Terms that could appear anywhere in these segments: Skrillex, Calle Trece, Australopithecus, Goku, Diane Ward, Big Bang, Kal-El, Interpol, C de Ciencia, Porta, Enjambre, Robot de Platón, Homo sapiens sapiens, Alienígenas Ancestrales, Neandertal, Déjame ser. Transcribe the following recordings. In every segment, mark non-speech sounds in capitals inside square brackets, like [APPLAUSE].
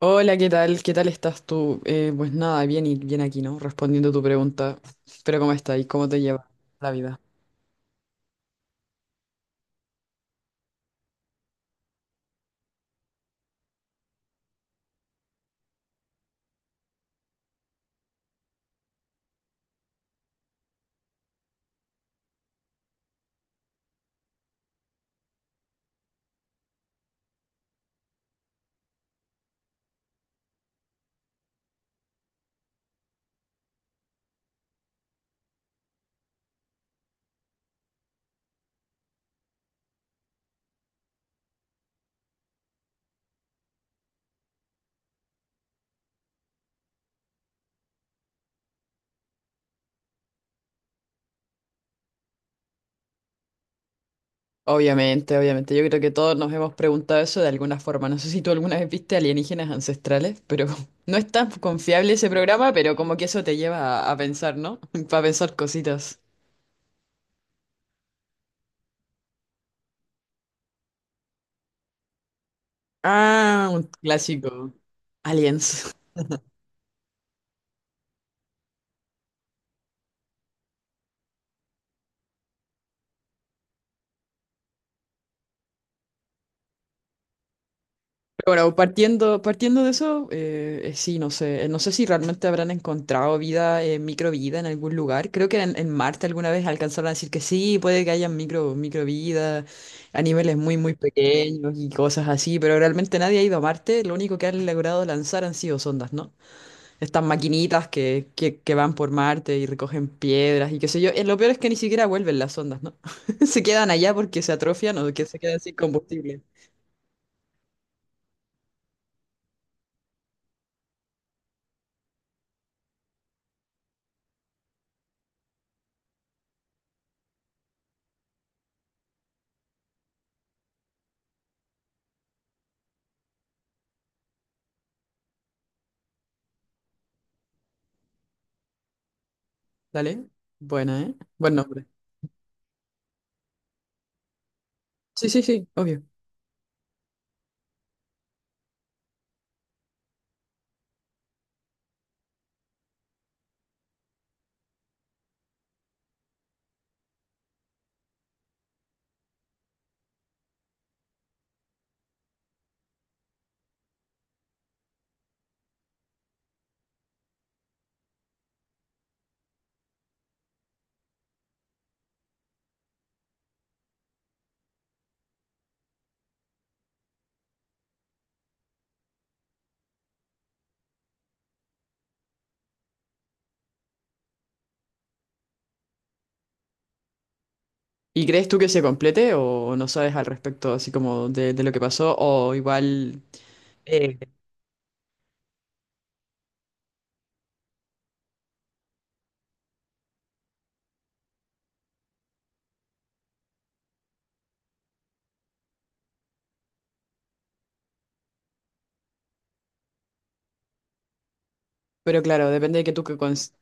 Hola, ¿qué tal? ¿Qué tal estás tú? Pues nada, bien y bien aquí, ¿no? Respondiendo tu pregunta. Pero ¿cómo estás y cómo te lleva la vida? Obviamente, obviamente. Yo creo que todos nos hemos preguntado eso de alguna forma. No sé si tú alguna vez viste Alienígenas Ancestrales, pero [LAUGHS] no es tan confiable ese programa, pero como que eso te lleva a pensar, ¿no? [LAUGHS] Para pensar cositas. Ah, un clásico. Aliens. Bueno, partiendo de eso, sí, no sé, no sé si realmente habrán encontrado vida, microvida en algún lugar. Creo que en Marte alguna vez alcanzaron a decir que sí, puede que haya micro, microvida a niveles muy, muy pequeños y cosas así, pero realmente nadie ha ido a Marte. Lo único que han logrado lanzar han sido sondas, ¿no? Estas maquinitas que van por Marte y recogen piedras y qué sé yo. Lo peor es que ni siquiera vuelven las sondas, ¿no? [LAUGHS] Se quedan allá porque se atrofian o que se quedan sin combustible. ¿Dale? Buena, ¿eh? Buen nombre. Sí, sí, sí, obvio. ¿Y crees tú que se complete o no sabes al respecto así como de lo que pasó o igual... Eh, pero claro, depende de que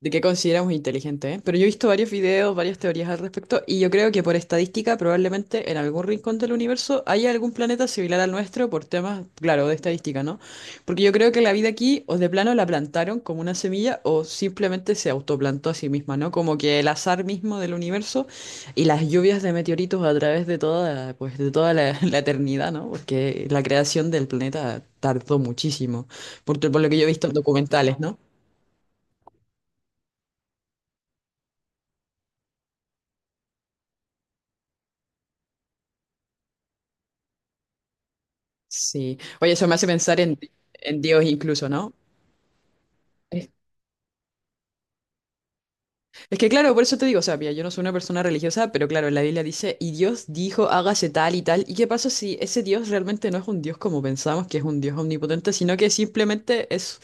de qué consideramos inteligente, ¿eh? Pero yo he visto varios videos, varias teorías al respecto, y yo creo que por estadística, probablemente en algún rincón del universo haya algún planeta similar al nuestro por temas, claro, de estadística, ¿no? Porque yo creo que la vida aquí, o de plano la plantaron como una semilla, o simplemente se autoplantó a sí misma, ¿no? Como que el azar mismo del universo y las lluvias de meteoritos a través de toda, pues, de toda la, [LAUGHS] la eternidad, ¿no? Porque la creación del planeta tardó muchísimo. Por lo que yo he visto en documentales, ¿no? Sí. Oye, eso me hace pensar en Dios incluso, ¿no? Es, es que claro, por eso te digo, o sea, mira, yo no soy una persona religiosa, pero claro, la Biblia dice, y Dios dijo, hágase tal y tal. ¿Y qué pasa si ese Dios realmente no es un Dios como pensamos, que es un Dios omnipotente, sino que simplemente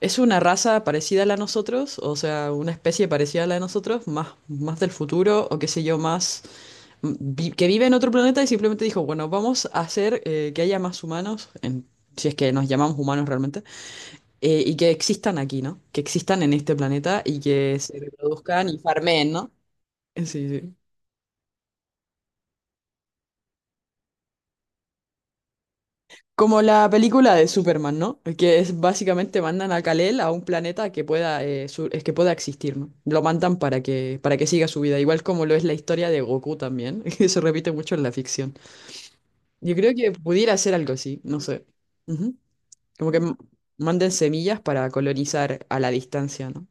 es una raza parecida a la de nosotros, o sea, una especie parecida a la de nosotros, más, más del futuro, o qué sé yo, más que vive en otro planeta y simplemente dijo, bueno, vamos a hacer que haya más humanos, si es que nos llamamos humanos realmente, y que existan aquí, ¿no? Que existan en este planeta y que se reproduzcan y farmeen, ¿no? Sí, sí. Como la película de Superman, ¿no? Que es básicamente mandan a Kal-El a un planeta que pueda, es que pueda existir, ¿no? Lo mandan para que siga su vida, igual como lo es la historia de Goku también, [LAUGHS] que se repite mucho en la ficción. Yo creo que pudiera ser algo así, no sé. Como que manden semillas para colonizar a la distancia, ¿no?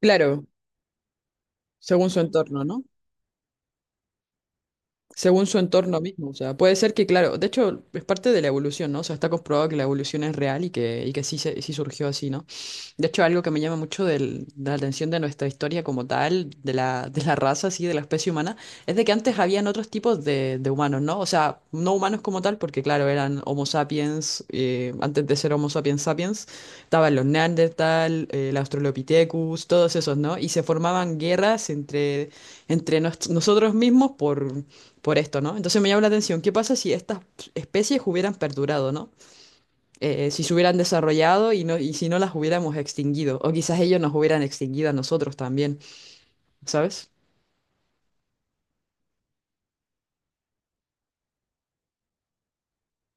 Claro, según su entorno, ¿no? Según su entorno mismo, o sea, puede ser que, claro, de hecho, es parte de la evolución, ¿no? O sea, está comprobado que la evolución es real y que sí, sí surgió así, ¿no? De hecho, algo que me llama mucho de la atención de nuestra historia como tal, de la raza, así, de la especie humana, es de que antes habían otros tipos de humanos, ¿no? O sea, no humanos como tal, porque claro, eran Homo sapiens, antes de ser Homo sapiens sapiens, estaban los Neandertal, el Australopithecus, todos esos, ¿no? Y se formaban guerras entre, entre nosotros mismos por esto, ¿no? Entonces me llama la atención, ¿qué pasa si estas especies hubieran perdurado, ¿no? Si se hubieran desarrollado y, no, y si no las hubiéramos extinguido, o quizás ellos nos hubieran extinguido a nosotros también, ¿sabes?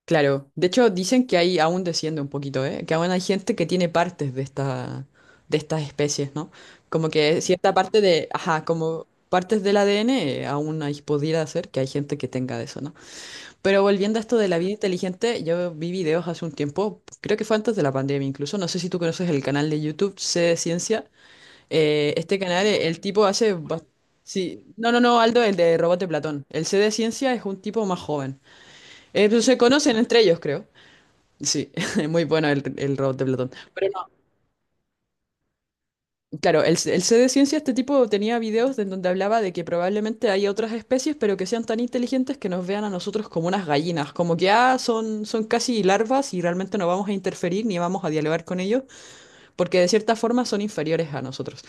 Claro, de hecho dicen que ahí aún desciende un poquito, ¿eh? Que aún hay gente que tiene partes de esta, de estas especies, ¿no? Como que cierta parte de, ajá, como partes del ADN, aún ahí pudiera ser que hay gente que tenga de eso, ¿no? Pero volviendo a esto de la vida inteligente, yo vi videos hace un tiempo, creo que fue antes de la pandemia incluso, no sé si tú conoces el canal de YouTube C de Ciencia. Este canal, el tipo hace... Sí, no, no, no, Aldo, el de Robot de Platón. El C de Ciencia es un tipo más joven. Pues se conocen entre ellos, creo. Sí, [LAUGHS] muy bueno el Robot de Platón. Pero no, claro, el C de Ciencia, este tipo tenía videos en donde hablaba de que probablemente hay otras especies, pero que sean tan inteligentes que nos vean a nosotros como unas gallinas. Como que, ah, son, son casi larvas y realmente no vamos a interferir ni vamos a dialogar con ellos, porque de cierta forma son inferiores a nosotros.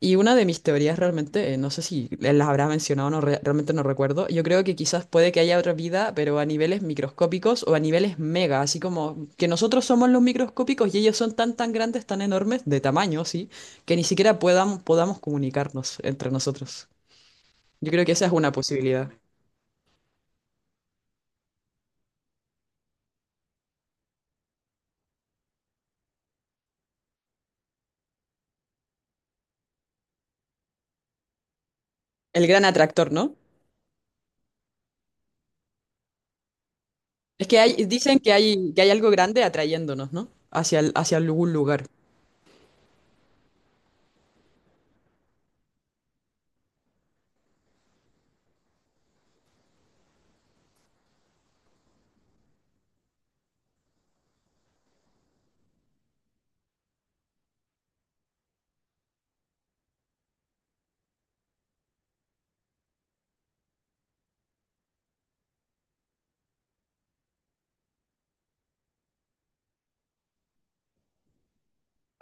Y una de mis teorías realmente, no sé si las habrás mencionado, realmente no recuerdo, yo creo que quizás puede que haya otra vida, pero a niveles microscópicos o a niveles mega, así como que nosotros somos los microscópicos y ellos son tan tan grandes, tan enormes, de tamaño, sí, que ni siquiera puedan, podamos comunicarnos entre nosotros. Yo creo que esa es una posibilidad. El gran atractor, ¿no? Es que hay, dicen que hay algo grande atrayéndonos, ¿no? Hacia, hacia algún lugar.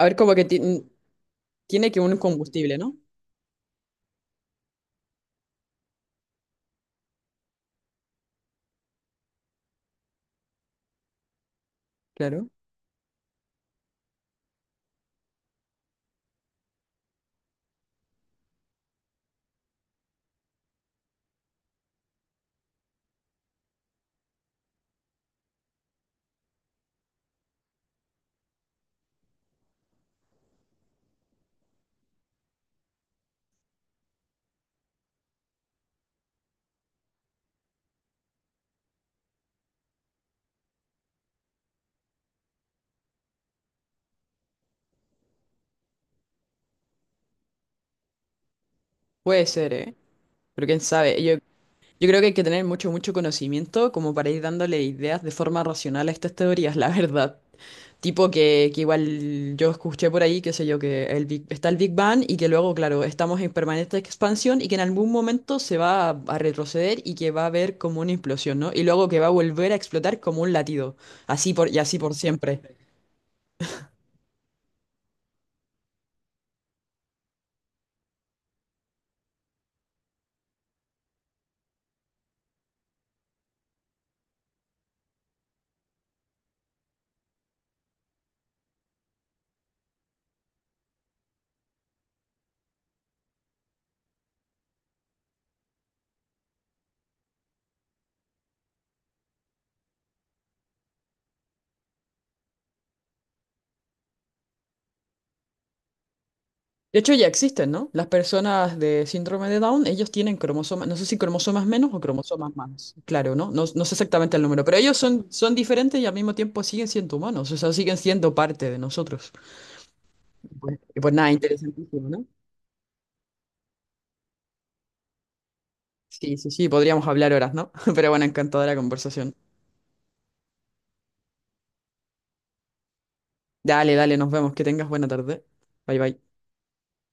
A ver, como que tiene que un combustible, ¿no? Claro. Puede ser, ¿eh? Pero quién sabe, yo creo que hay que tener mucho, mucho conocimiento como para ir dándole ideas de forma racional a estas teorías, [LAUGHS] la verdad. Tipo que igual yo escuché por ahí, qué sé yo, que está el Big Bang y que luego, claro, estamos en permanente expansión y que en algún momento se va a retroceder y que va a haber como una implosión, ¿no? Y luego que va a volver a explotar como un latido, y así por siempre. De hecho, ya existen, ¿no? Las personas de síndrome de Down, ellos tienen cromosomas, no sé si cromosomas menos o cromosomas más, claro, ¿no? No, no sé exactamente el número, pero ellos son, son diferentes y al mismo tiempo siguen siendo humanos, o sea, siguen siendo parte de nosotros. Y pues nada, interesantísimo, ¿no? Sí, sí, sí, podríamos hablar horas, ¿no? [LAUGHS] Pero bueno, encantadora conversación. Dale, dale, nos vemos, que tengas buena tarde. Bye, bye.